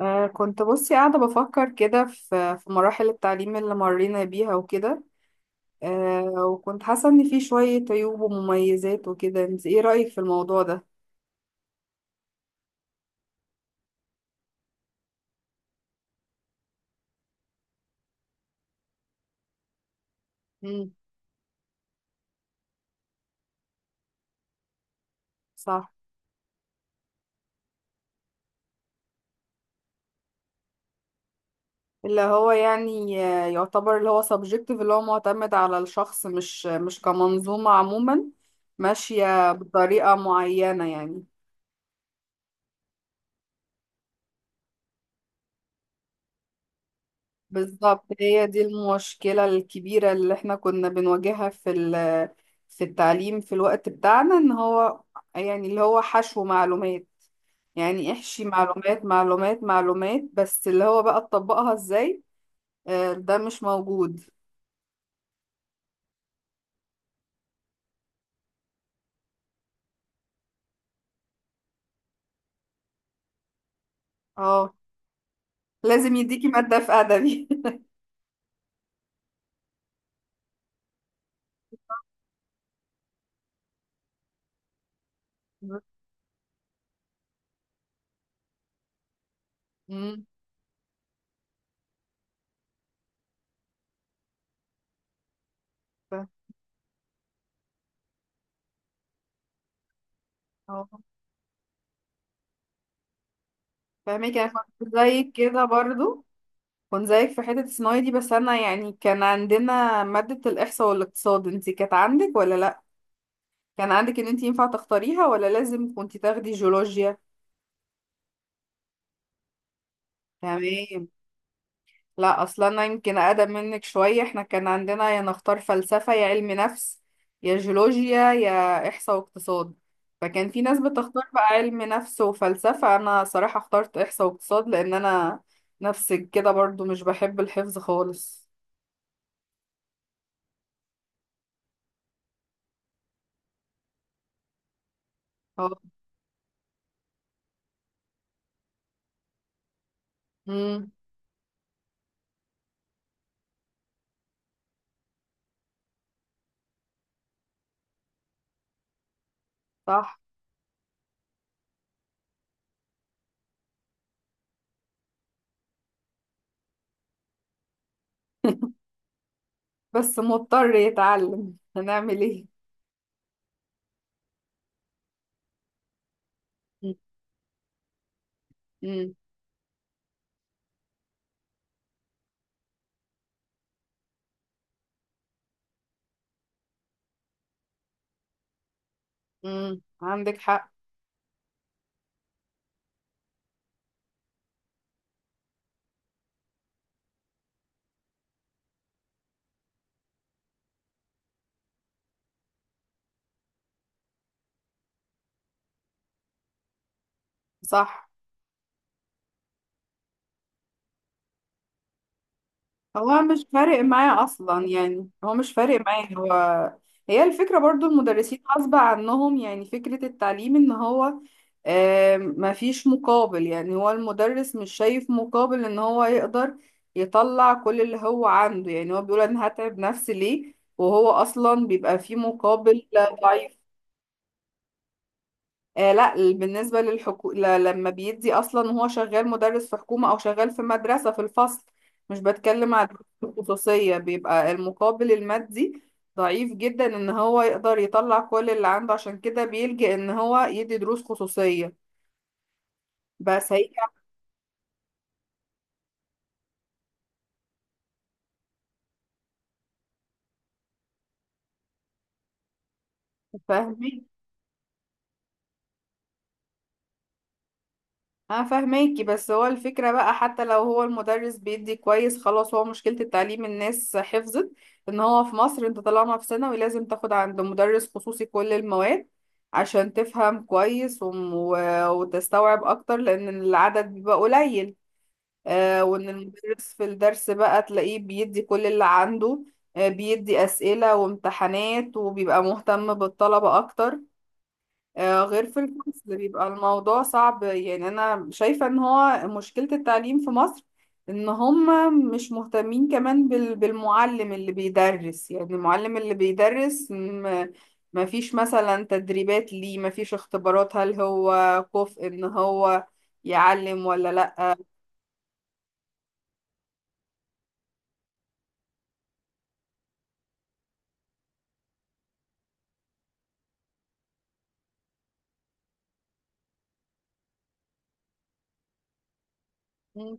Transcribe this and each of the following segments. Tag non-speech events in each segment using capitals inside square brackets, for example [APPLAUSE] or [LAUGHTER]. كنت بصي قاعدة بفكر كده في مراحل التعليم اللي مرينا بيها وكده. وكنت حاسة إن في شوية عيوب ومميزات وكده، انت ايه رأيك في الموضوع ده؟ امم. صح. اللي هو يعني يعتبر اللي هو subjective، اللي هو معتمد على الشخص، مش كمنظومة عموما ماشية بطريقة معينة يعني. بالظبط، هي دي المشكلة الكبيرة اللي احنا كنا بنواجهها في التعليم في الوقت بتاعنا، ان هو يعني اللي هو حشو معلومات، يعني احشي معلومات معلومات معلومات، بس اللي هو بقى تطبقها ازاي؟ ده مش موجود. اه. لازم يديكي مادة في أدبي. [LAUGHS] مم. ف- اه. فاهمك انا. كنت زيك كده برضو، كنت زيك في حتة الصناعي دي، بس انا يعني كان عندنا مادة الإحصاء والاقتصاد، انتي كانت عندك ولا لأ؟ كان عندك ان انت ينفع تختاريها ولا لازم كنت تاخدي جيولوجيا؟ تمام. لا اصلا انا يمكن اقدم منك شويه، احنا كان عندنا يا نختار فلسفه يا علم نفس يا جيولوجيا يا احصاء واقتصاد. فكان في ناس بتختار بقى علم نفس وفلسفه، انا صراحه اخترت احصاء واقتصاد لان انا نفسك كده برضو مش بحب الحفظ خالص. اه. امم. صح. [LAUGHS] بس مضطر يتعلم، هنعمل ايه. امم. امم، عندك حق. صح. هو مش فارق معاه اصلا، يعني هو مش فارق معاه هو. هي الفكرة برضو، المدرسين غصب عنهم، يعني فكرة التعليم ان هو ما فيش مقابل، يعني هو المدرس مش شايف مقابل ان هو يقدر يطلع كل اللي هو عنده، يعني هو بيقول انا هتعب نفسي ليه وهو اصلا بيبقى فيه مقابل ضعيف. لا، بالنسبة لما بيدي أصلا وهو شغال مدرس في حكومة أو شغال في مدرسة في الفصل، مش بتكلم عن الخصوصية، بيبقى المقابل المادي ضعيف جدا، إن هو يقدر يطلع كل اللي عنده، عشان كده بيلجأ إن هو يدي دروس خصوصية. بس هي. فاهمك انا. فاهماكي، بس هو الفكرة بقى حتى لو هو المدرس بيدي كويس، خلاص، هو مشكلة التعليم الناس حفظت ان هو في مصر انت طالما في ثانوي لازم تاخد عند مدرس خصوصي كل المواد عشان تفهم كويس وتستوعب اكتر لان العدد بيبقى قليل. وان المدرس في الدرس بقى تلاقيه بيدي كل اللي عنده. بيدي اسئلة وامتحانات وبيبقى مهتم بالطلبة اكتر، غير في الفصل بيبقى الموضوع صعب. يعني انا شايفة ان هو مشكلة التعليم في مصر ان هم مش مهتمين كمان بالمعلم اللي بيدرس، يعني المعلم اللي بيدرس ما فيش مثلا تدريبات، ليه ما فيش اختبارات؟ هل هو كفء ان هو يعلم ولا لا؟ مم.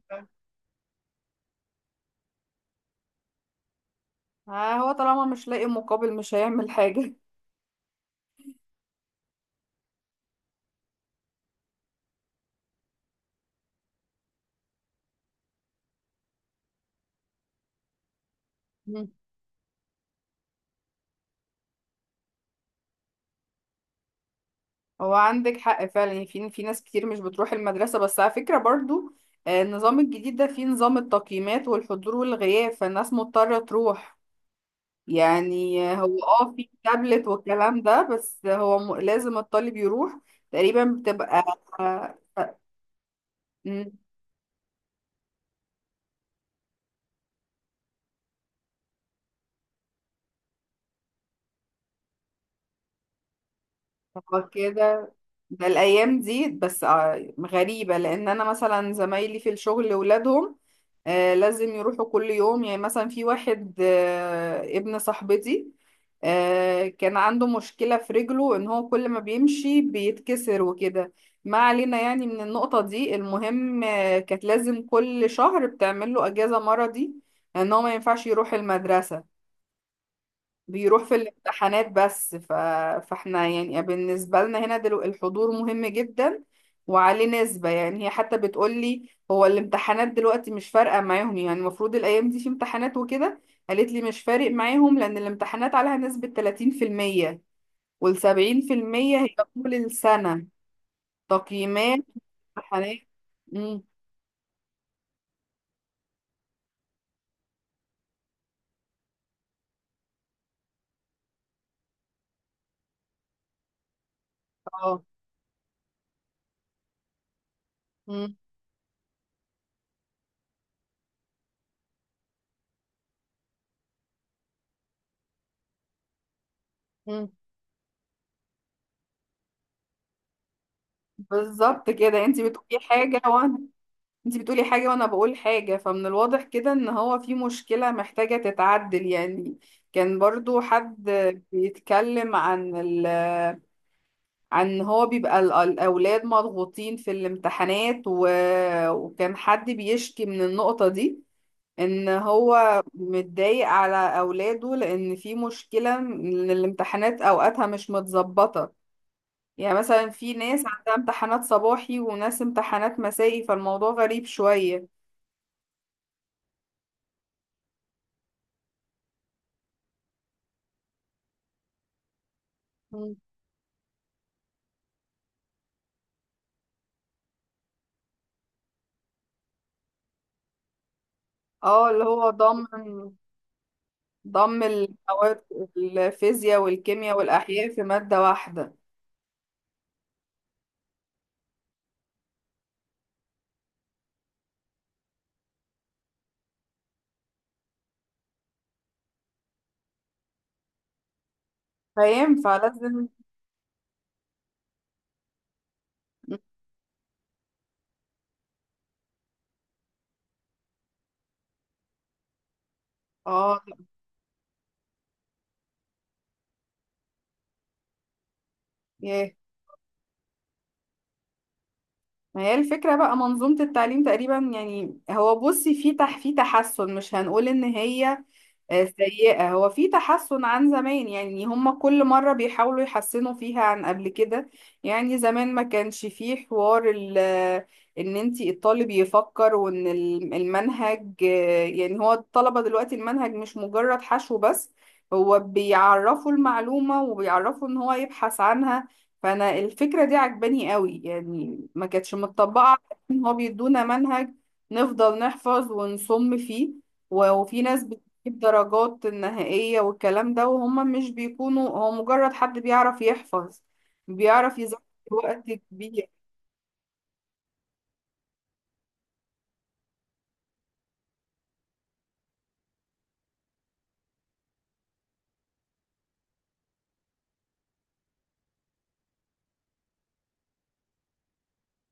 هو طالما مش لاقي مقابل مش هيعمل حاجة. هو عندك حق فعلا، يعني في ناس كتير مش بتروح المدرسة، بس على فكرة برضو النظام الجديد ده فيه نظام التقييمات والحضور والغياب، فالناس مضطرة تروح، يعني هو في تابلت والكلام ده، بس هو لازم الطالب يروح تقريبا. بتبقى. آه. آه. مم. هو كده ده الايام دي، بس غريبه لان انا مثلا زمايلي في الشغل ولادهم لازم يروحوا كل يوم. يعني مثلا في واحد ابن صاحبتي كان عنده مشكله في رجله ان هو كل ما بيمشي بيتكسر وكده، ما علينا يعني من النقطه دي، المهم كانت لازم كل شهر بتعمل له اجازه مرضي ان هو ما ينفعش يروح المدرسه، بيروح في الامتحانات بس. فاحنا يعني بالنسبة لنا هنا دلو الحضور مهم جدا، وعليه نسبة. يعني هي حتى بتقولي هو الامتحانات دلوقتي مش فارقة معاهم، يعني المفروض الأيام دي في امتحانات وكده، قالت لي مش فارق معاهم لأن الامتحانات عليها نسبة 30%، وال70% هي طول السنة تقييمات امتحانات. امم. اه. امم. بالظبط كده، انت بتقولي حاجة انتي بتقولي حاجة وانا بقول حاجة، فمن الواضح كده ان هو في مشكلة محتاجة تتعدل يعني. كان برضو حد بيتكلم عن ال عن هو بيبقى ال- الاولاد مضغوطين في الامتحانات، وكان حد بيشكي من النقطة دي، ان هو متضايق على اولاده لان في مشكلة ان الامتحانات اوقاتها مش متظبطة، يعني مثلا في ناس عندها امتحانات صباحي وناس امتحانات مسائي فالموضوع غريب شوية. اه، اللي هو ضم المواد الفيزياء والكيمياء والأحياء في مادة واحدة. فاهم. فلازم. اه. ياه. ما هي الفكرة بقى، منظومة التعليم تقريبا، يعني هو بصي في تحسن، مش هنقول ان هي سيئة، هو في تحسن عن زمان، يعني هم كل مرة بيحاولوا يحسنوا فيها عن قبل كده. يعني زمان ما كانش فيه حوار ان انتي الطالب يفكر وان المنهج، يعني هو الطلبة دلوقتي المنهج مش مجرد حشو بس، هو بيعرفوا المعلومة وبيعرفوا ان هو يبحث عنها. فانا الفكرة دي عجباني قوي، يعني ما كانتش متطبقة على إن هو بيدونا منهج نفضل نحفظ ونصم فيه، وفي ناس الدرجات النهائية والكلام ده، وهم مش بيكونوا هو مجرد حد بيعرف يحفظ بيعرف يذاكر وقت كبير.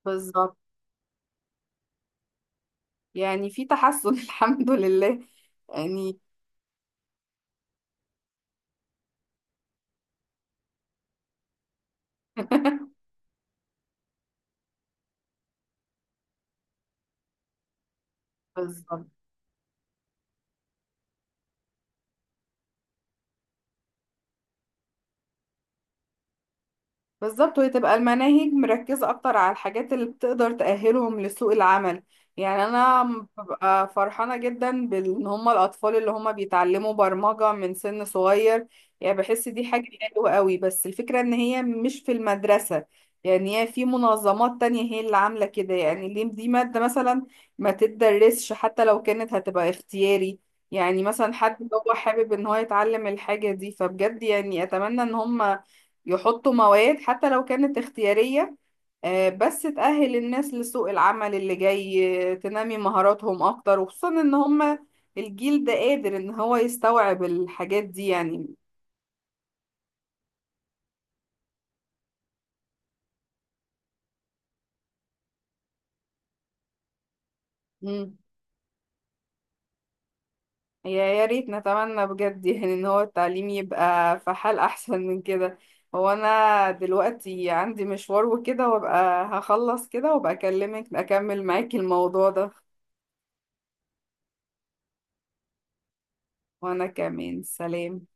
بالظبط، يعني في تحسن. [LAUGHS] الحمد لله يعني. [LAUGHS] بالظبط بالظبط، وهي تبقى المناهج مركزة أكتر على الحاجات اللي بتقدر تأهلهم لسوق العمل. يعني أنا ببقى فرحانة جدا بإن هما الأطفال اللي هما بيتعلموا برمجة من سن صغير، يعني بحس دي حاجة حلوة قوي، بس الفكرة إن هي مش في المدرسة، يعني هي في منظمات تانية هي اللي عاملة كده. يعني ليه دي مادة مثلا ما تتدرسش حتى لو كانت هتبقى اختياري، يعني مثلا حد هو حابب إن هو يتعلم الحاجة دي، فبجد يعني أتمنى إن هما يحطوا مواد حتى لو كانت اختيارية، بس تأهل الناس لسوق العمل اللي جاي، تنمي مهاراتهم أكتر، وخصوصا إن هما الجيل ده قادر إن هو يستوعب الحاجات دي يعني. مم. يا ريت نتمنى بجد يعني إن هو التعليم يبقى في حال أحسن من كده. هو أنا دلوقتي عندي مشوار وكده، وأبقى هخلص كده وأبقى أكلمك أكمل معاكي الموضوع ده. وأنا كمان، سلام.